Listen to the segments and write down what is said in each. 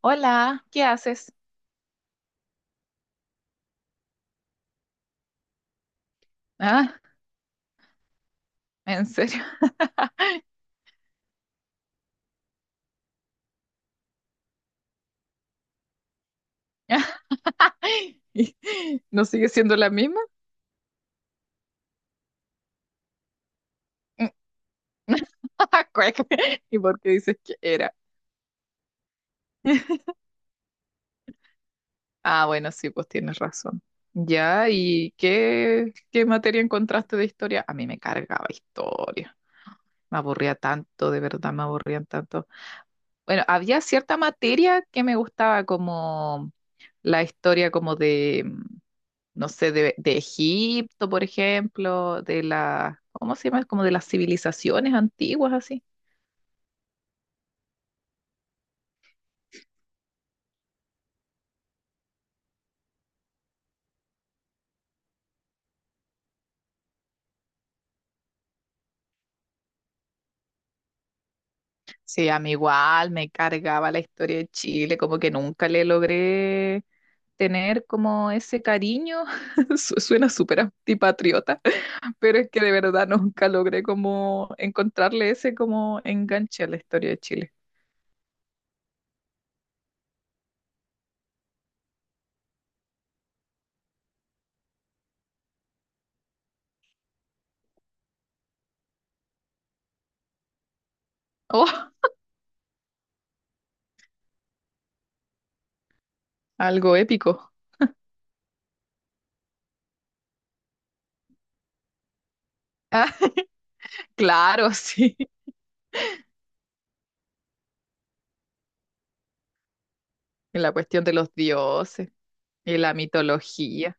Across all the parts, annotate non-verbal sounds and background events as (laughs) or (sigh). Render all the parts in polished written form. Hola, ¿qué haces? Ah, ¿en serio? (laughs) ¿Y ¿No sigue siendo la misma? (laughs) Cuec. ¿Y por qué dices que era? Ah, bueno, sí, pues tienes razón. Ya, ¿y qué materia encontraste de historia? A mí me cargaba historia. Me aburría tanto, de verdad, me aburrían tanto. Bueno, había cierta materia que me gustaba como la historia como de, no sé, de Egipto, por ejemplo, de la, ¿cómo se llama? Como de las civilizaciones antiguas, así. Sí, a mí igual me cargaba la historia de Chile, como que nunca le logré tener como ese cariño. (laughs) Suena súper antipatriota, pero es que de verdad nunca logré como encontrarle ese como enganche a la historia de Chile. Oh, algo épico. Ah, claro, (laughs) sí. Y la cuestión de los dioses y la mitología.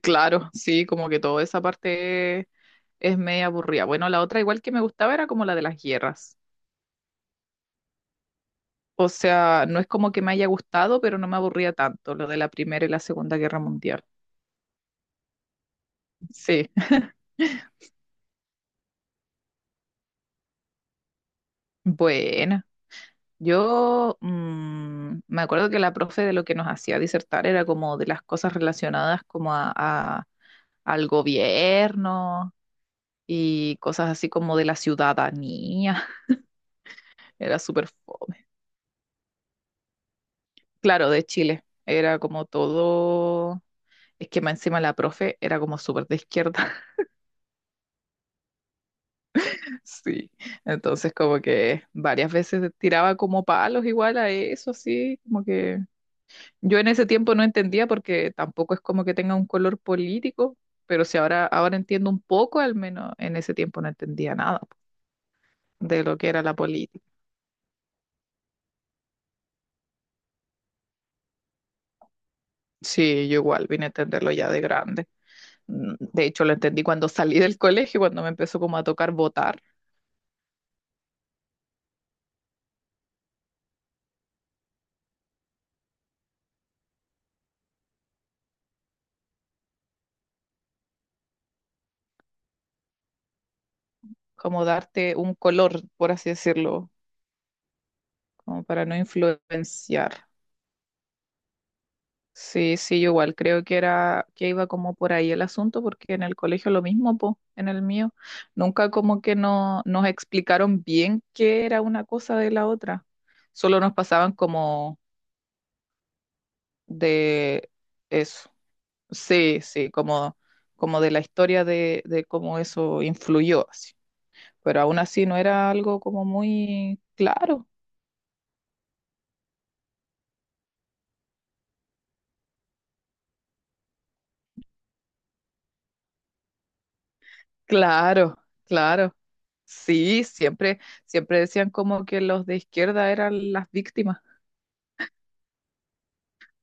Claro, sí, como que toda esa parte es media aburrida. Bueno, la otra igual que me gustaba era como la de las guerras. O sea, no es como que me haya gustado, pero no me aburría tanto lo de la Primera y la Segunda Guerra Mundial. Sí, (laughs) bueno, yo me acuerdo que la profe de lo que nos hacía disertar era como de las cosas relacionadas como al gobierno y cosas así como de la ciudadanía. (laughs) Era súper fome. Claro, de Chile. Era como todo. Es que más encima la profe era como súper de izquierda. (laughs) Sí. Entonces, como que varias veces tiraba como palos igual a eso, así. Como que yo en ese tiempo no entendía porque tampoco es como que tenga un color político. Pero si ahora entiendo un poco, al menos en ese tiempo no entendía nada de lo que era la política. Sí, yo igual vine a entenderlo ya de grande. De hecho, lo entendí cuando salí del colegio, cuando me empezó como a tocar votar como darte un color, por así decirlo, como para no influenciar. Sí, sí, yo igual creo que era que iba como por ahí el asunto, porque en el colegio lo mismo, po, en el mío, nunca como que no nos explicaron bien qué era una cosa de la otra. Solo nos pasaban como de eso. Sí, sí, como de la historia de cómo eso influyó así. Pero aún así no era algo como muy claro. Claro, claro. Sí, siempre, siempre decían como que los de izquierda eran las víctimas.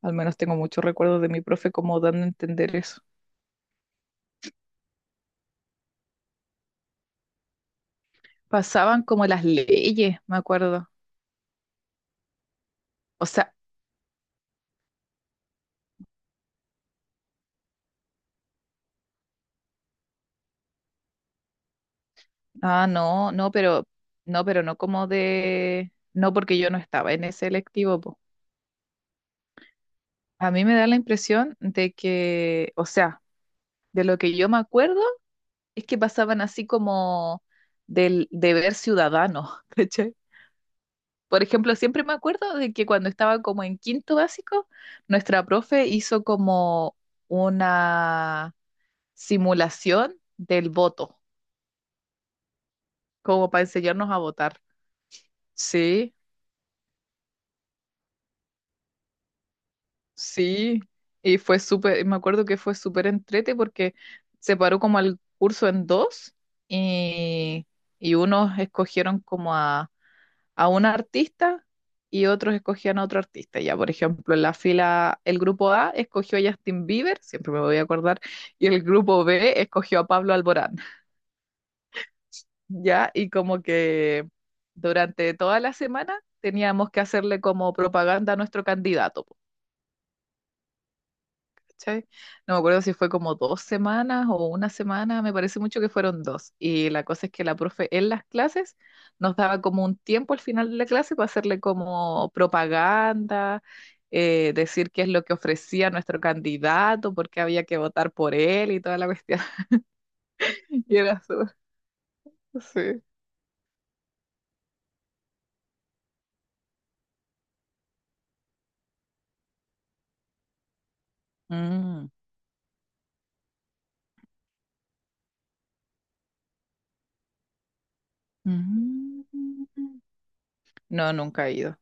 Al menos tengo muchos recuerdos de mi profe como dando a entender eso. Pasaban como las leyes, me acuerdo. O sea, ah, no, no, pero no como de, no porque yo no estaba en ese electivo, po. A mí me da la impresión de que, o sea, de lo que yo me acuerdo es que pasaban así como del deber ciudadano, (laughs) ¿cachai? Por ejemplo, siempre me acuerdo de que cuando estaba como en quinto básico, nuestra profe hizo como una simulación del voto, como para enseñarnos a votar. Sí, sí. Y fue súper, me acuerdo que fue súper entrete porque separó como el curso en dos y, y unos escogieron como a un artista y otros escogían a otro artista. Ya, por ejemplo, en la fila, el grupo A escogió a Justin Bieber, siempre me voy a acordar, y el grupo B escogió a Pablo Alborán. Ya, y como que durante toda la semana teníamos que hacerle como propaganda a nuestro candidato. ¿Cachai? No me acuerdo si fue como 2 semanas o una semana, me parece mucho que fueron dos. Y la cosa es que la profe en las clases nos daba como un tiempo al final de la clase para hacerle como propaganda, decir qué es lo que ofrecía nuestro candidato, por qué había que votar por él y toda la cuestión. (laughs) Y era sí. Mm. Mm. No, nunca he ido.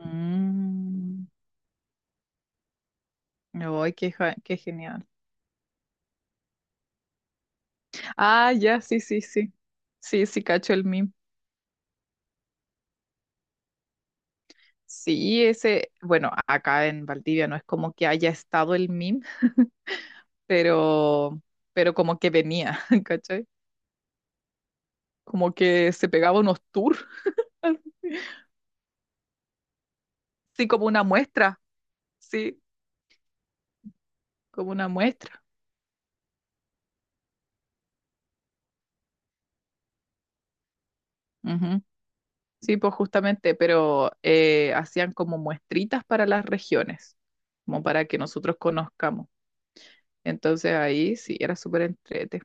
Mm. Ay, qué genial. Ah, ya, sí, sí, sí. Sí, sí, cacho el meme. Sí, ese, bueno, acá en Valdivia no es como que haya estado el meme, pero, pero como que venía, (laughs) ¿Cachai? Como que se pegaba unos tours, (laughs) sí, como una muestra, sí, como una muestra. Ujú. Sí, pues justamente, pero hacían como muestritas para las regiones, como para que nosotros conozcamos. Entonces ahí sí, era súper entrete.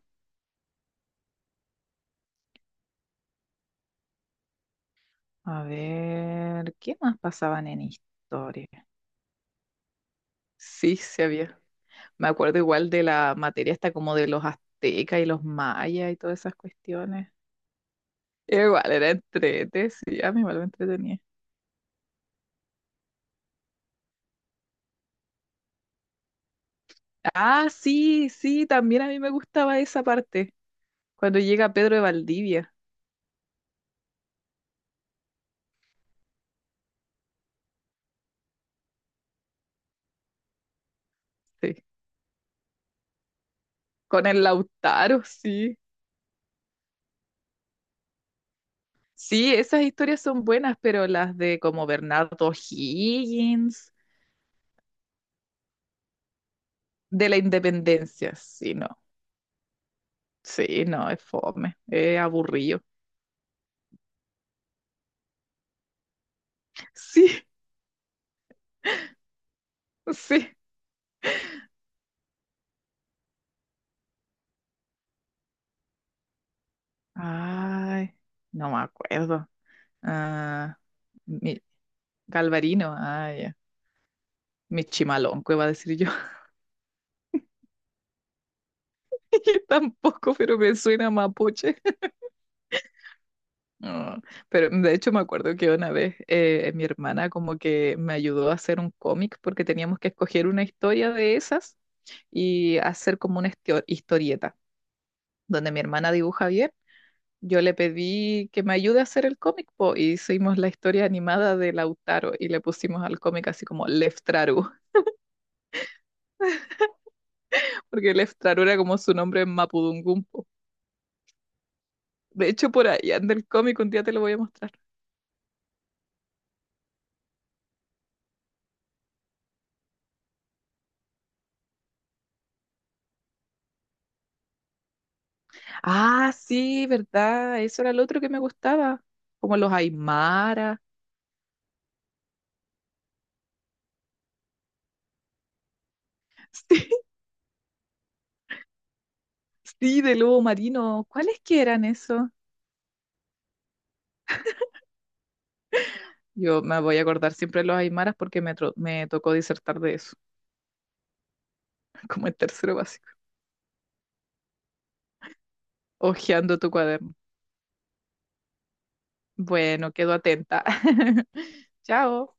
A ver, ¿qué más pasaban en historia? Sí, se había. Me acuerdo igual de la materia hasta como de los aztecas y los mayas y todas esas cuestiones. Igual era entrete, sí, a mí igual me entretenía. Ah, sí, sí, también a mí me gustaba esa parte, cuando llega Pedro de Valdivia, sí, con el Lautaro, sí. Sí, esas historias son buenas, pero las de como Bernardo Higgins, de la Independencia, sí, no, sí, no, es fome, es aburrido. (laughs) Sí, sí. Ay, no me acuerdo. Ah, mi- Galvarino, ah, ya. Michimalonco iba a decir yo. (laughs) Yo tampoco, pero me suena mapuche. (laughs) No, pero de hecho me acuerdo que una vez mi hermana como que me ayudó a hacer un cómic porque teníamos que escoger una historia de esas y hacer como una historieta donde mi hermana dibuja bien. Yo le pedí que me ayude a hacer el cómic po, y hicimos la historia animada de Lautaro y le pusimos al cómic así como Leftraru, porque el Eftaro era como su nombre en Mapudungumpo. De hecho, por ahí anda el cómic, un día te lo voy a mostrar. Ah, sí, verdad, eso era el otro que me gustaba, como los Aymara. (laughs) Sí, sí, de lobo marino. ¿Cuáles que eran eso? Yo me voy a acordar siempre de los Aymaras porque me tocó disertar de eso, (laughs) como el tercero básico, hojeando tu cuaderno. Bueno, quedo atenta. (laughs) Chao.